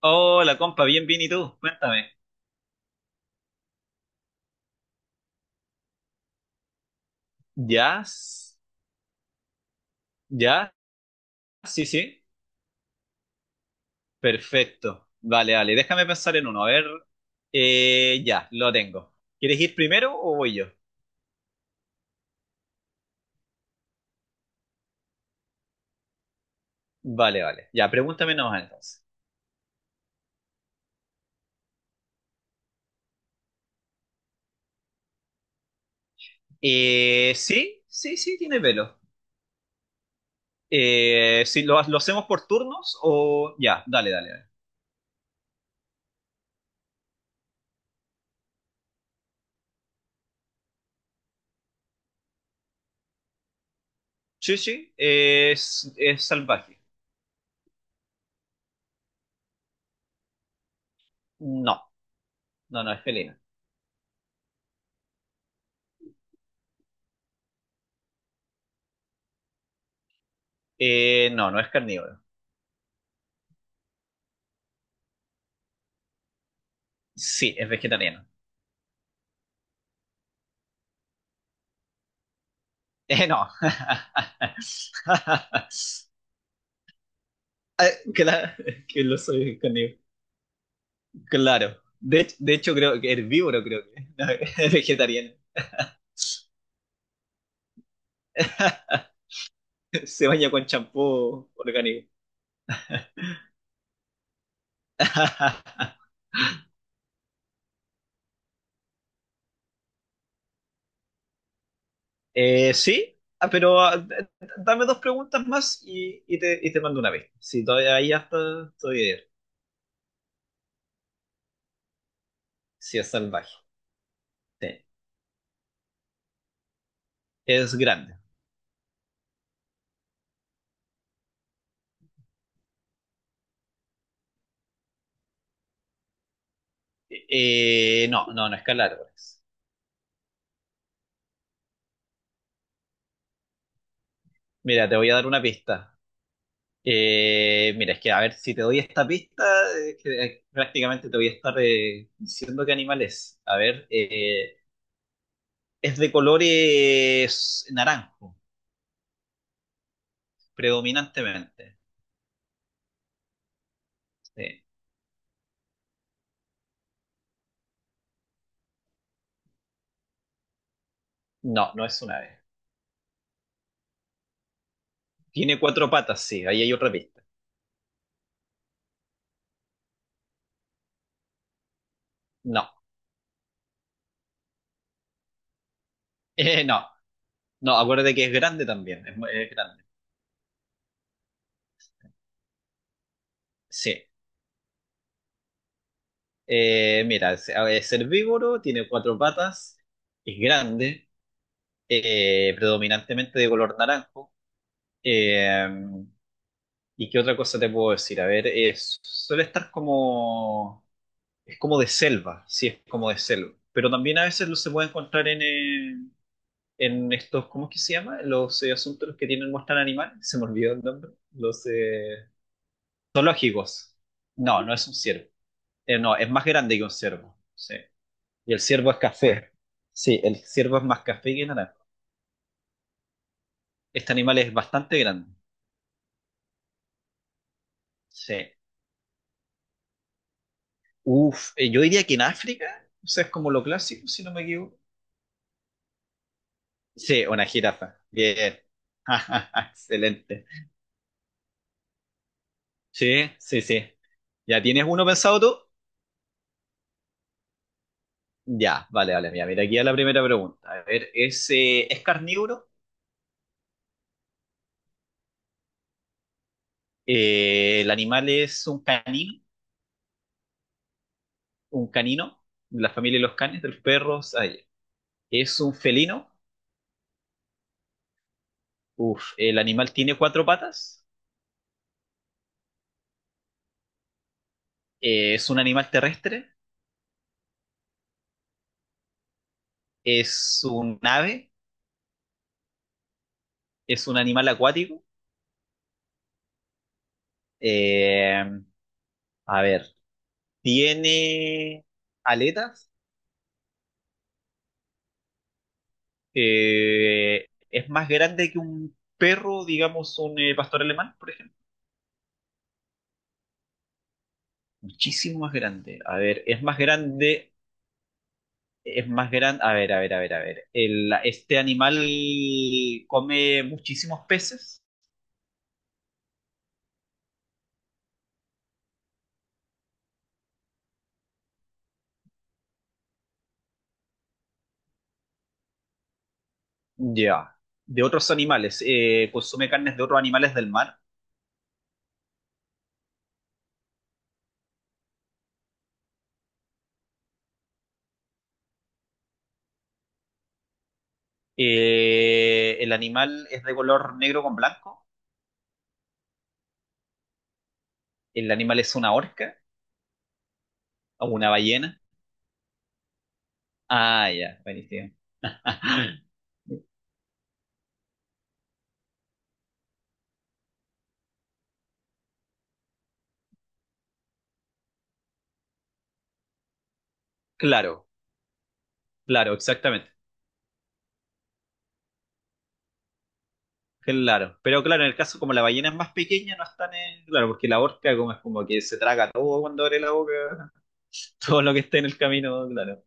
Hola, compa, bien, bien, ¿y tú? Cuéntame. ¿Ya? ¿Ya? Sí, sí. Perfecto. Vale, vale, déjame pensar en uno. A ver. Ya, lo tengo. ¿Quieres ir primero o voy yo? Vale, vale. Ya, pregúntame nomás entonces. Sí, sí, sí, tiene pelo. Si ¿lo hacemos por turnos o...? Ya, dale, dale, dale. Sí, sí, es salvaje. No, no, no es felino. No, no es carnívoro. Sí, es vegetariano. No. Ah, claro, que lo soy carnívoro. Claro. De hecho, creo que herbívoro, creo que. No, es vegetariano. Se baña con champú orgánico. Sí, ah, pero ah, dame dos preguntas más y te mando una vez. Si todavía ahí hasta estoy bien. Si es salvaje. Sí. Es grande. No, no, no es calar. Pues. Mira, te voy a dar una pista. Mira, es que a ver, si te doy esta pista, prácticamente te voy a estar diciendo qué animal es. A ver, es de colores naranjo, predominantemente. Sí. No, no es una ave. Tiene cuatro patas, sí, ahí hay otra pista. No, no, no, acuérdate que es grande también, es, es grande. Sí, eh, mira, es, a ver, es herbívoro, tiene cuatro patas, es grande, predominantemente de color naranjo. Eh, ¿Y qué otra cosa te puedo decir? A ver, es, suele estar como, es como de selva, sí, es como de selva. Pero también a veces lo se puede encontrar en estos, ¿cómo es que se llama? Los asuntos que tienen, muestran animales, se me olvidó el nombre. Los zoológicos. No, no es un ciervo. No, es más grande que un ciervo, sí. Y el ciervo es café. Sí, el ciervo es más café que naranja. Este animal es bastante grande, sí. Uf, yo diría que en África, o sea, es como lo clásico, si no me equivoco. Sí, una jirafa. Bien. Excelente. Sí, sí, sí. ¿Ya tienes uno pensado tú? Ya, vale, vale. Mira, mira, aquí a la primera pregunta. A ver, ¿es carnívoro? ¿El animal es un canino? ¿Un canino? La familia de los canes, de los perros. Ah, ya. ¿Es un felino? Uf, ¿el animal tiene cuatro patas? ¿Es un animal terrestre? ¿Es un ave? ¿Es un animal acuático? Eh, a ver, ¿tiene aletas? Es más grande que un perro, digamos, un pastor alemán, por ejemplo. Muchísimo más grande. A ver, es más grande, es más grande. A ver, a ver, a ver, a ver. Este animal come muchísimos peces. Ya. De otros animales. Eh, consume carnes de otros animales del mar. El animal es de color negro con blanco. El animal es una orca o una ballena. Ah, ya, buenísimo. Claro, claro, exactamente. Claro, pero claro, en el caso como la ballena es más pequeña, no están en... Claro, porque la orca como es como que se traga todo cuando abre la boca, todo lo que esté en el camino, claro.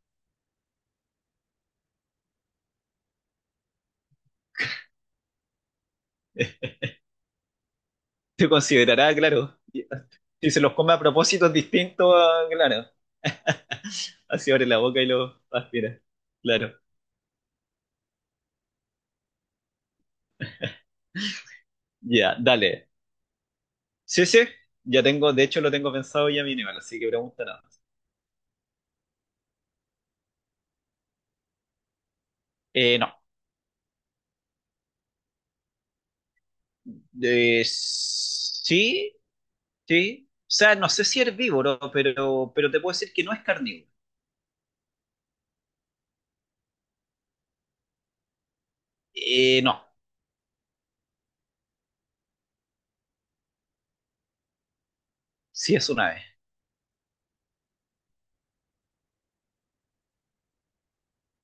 Se considerará, claro, y- si se los come a propósitos distintos, a- claro. Así abre la boca y lo aspira. Claro, ya, dale. Sí, sí, ya tengo, de hecho lo tengo pensado ya mi así que pregunta nada más. No. Sí, sí. O sea, no sé si herbívoro, pero te puedo decir que no es carnívoro. No. Sí, es una ave.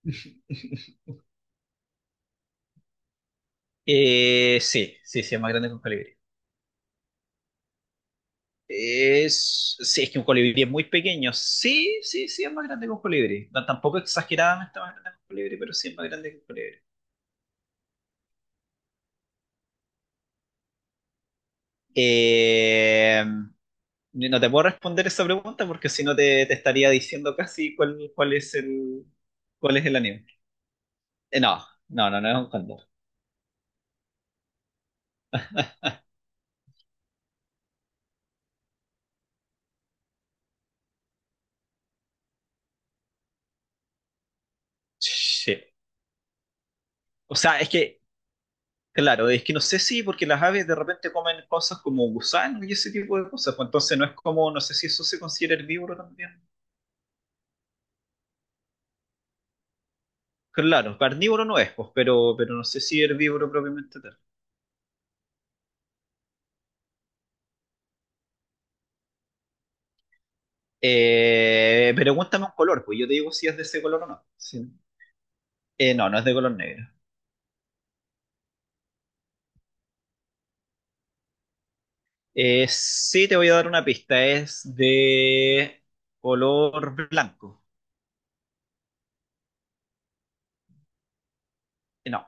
Sí, sí, sí, es más grande que un colibrí. Es, sí, es que un colibrí es muy pequeño. Sí, sí, sí, es más grande que un colibrí. No, tampoco exageradamente más grande que un colibrí, pero sí es más grande que un colibrí. Eh, no te puedo responder esa pregunta porque si no te, te estaría diciendo casi cuál es el, cuál es el animal. No, no, no, no es un cóndor. Sí. O sea, es que claro, es que no sé si, porque las aves de repente comen cosas como gusanos y ese tipo de cosas, pues entonces no es como, no sé si eso se considera herbívoro también. Claro, carnívoro no es, pues, pero no sé si herbívoro propiamente tal. Pregúntame un color, pues yo te digo si es de ese color o no. Sí. No, no es de color negro. Sí, te voy a dar una pista, es de color blanco. No,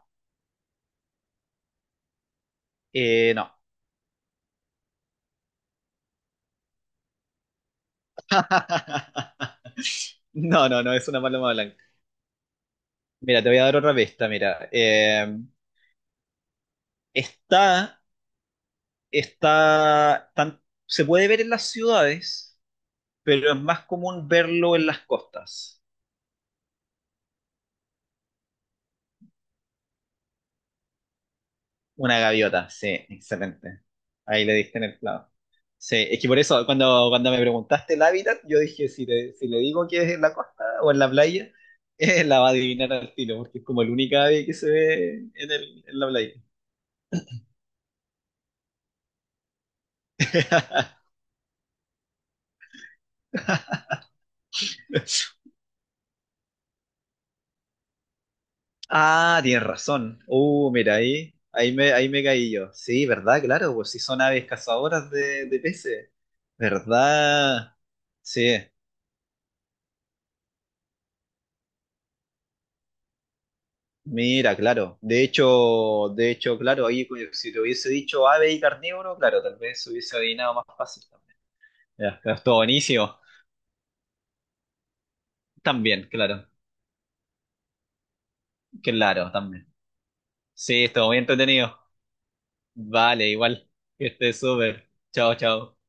no. No, no, no, es una paloma blanca. Mira, te voy a dar otra pista, mira. Está, está, tan- se puede ver en las ciudades, pero es más común verlo en las costas. Una gaviota, sí, excelente. Ahí le diste en el clavo. Sí, es que por eso cuando me preguntaste el hábitat, yo dije, si, te- si le digo que es en la costa o en la playa, la va a adivinar al tiro, porque es como el único ave que se ve en, en la playa. Ah, tienes razón. Mira, ahí, ahí me caí yo. Sí, ¿verdad? Claro, pues si son aves cazadoras de peces. ¿Verdad? Sí, mira, claro. De hecho, claro, ahí si te hubiese dicho ave y carnívoro, claro, tal vez hubiese adivinado más fácil también. Ya, pero estuvo buenísimo. También, claro. Claro, también. Sí, estuvo muy entretenido. Vale, igual. Que estés súper. Chao, chao.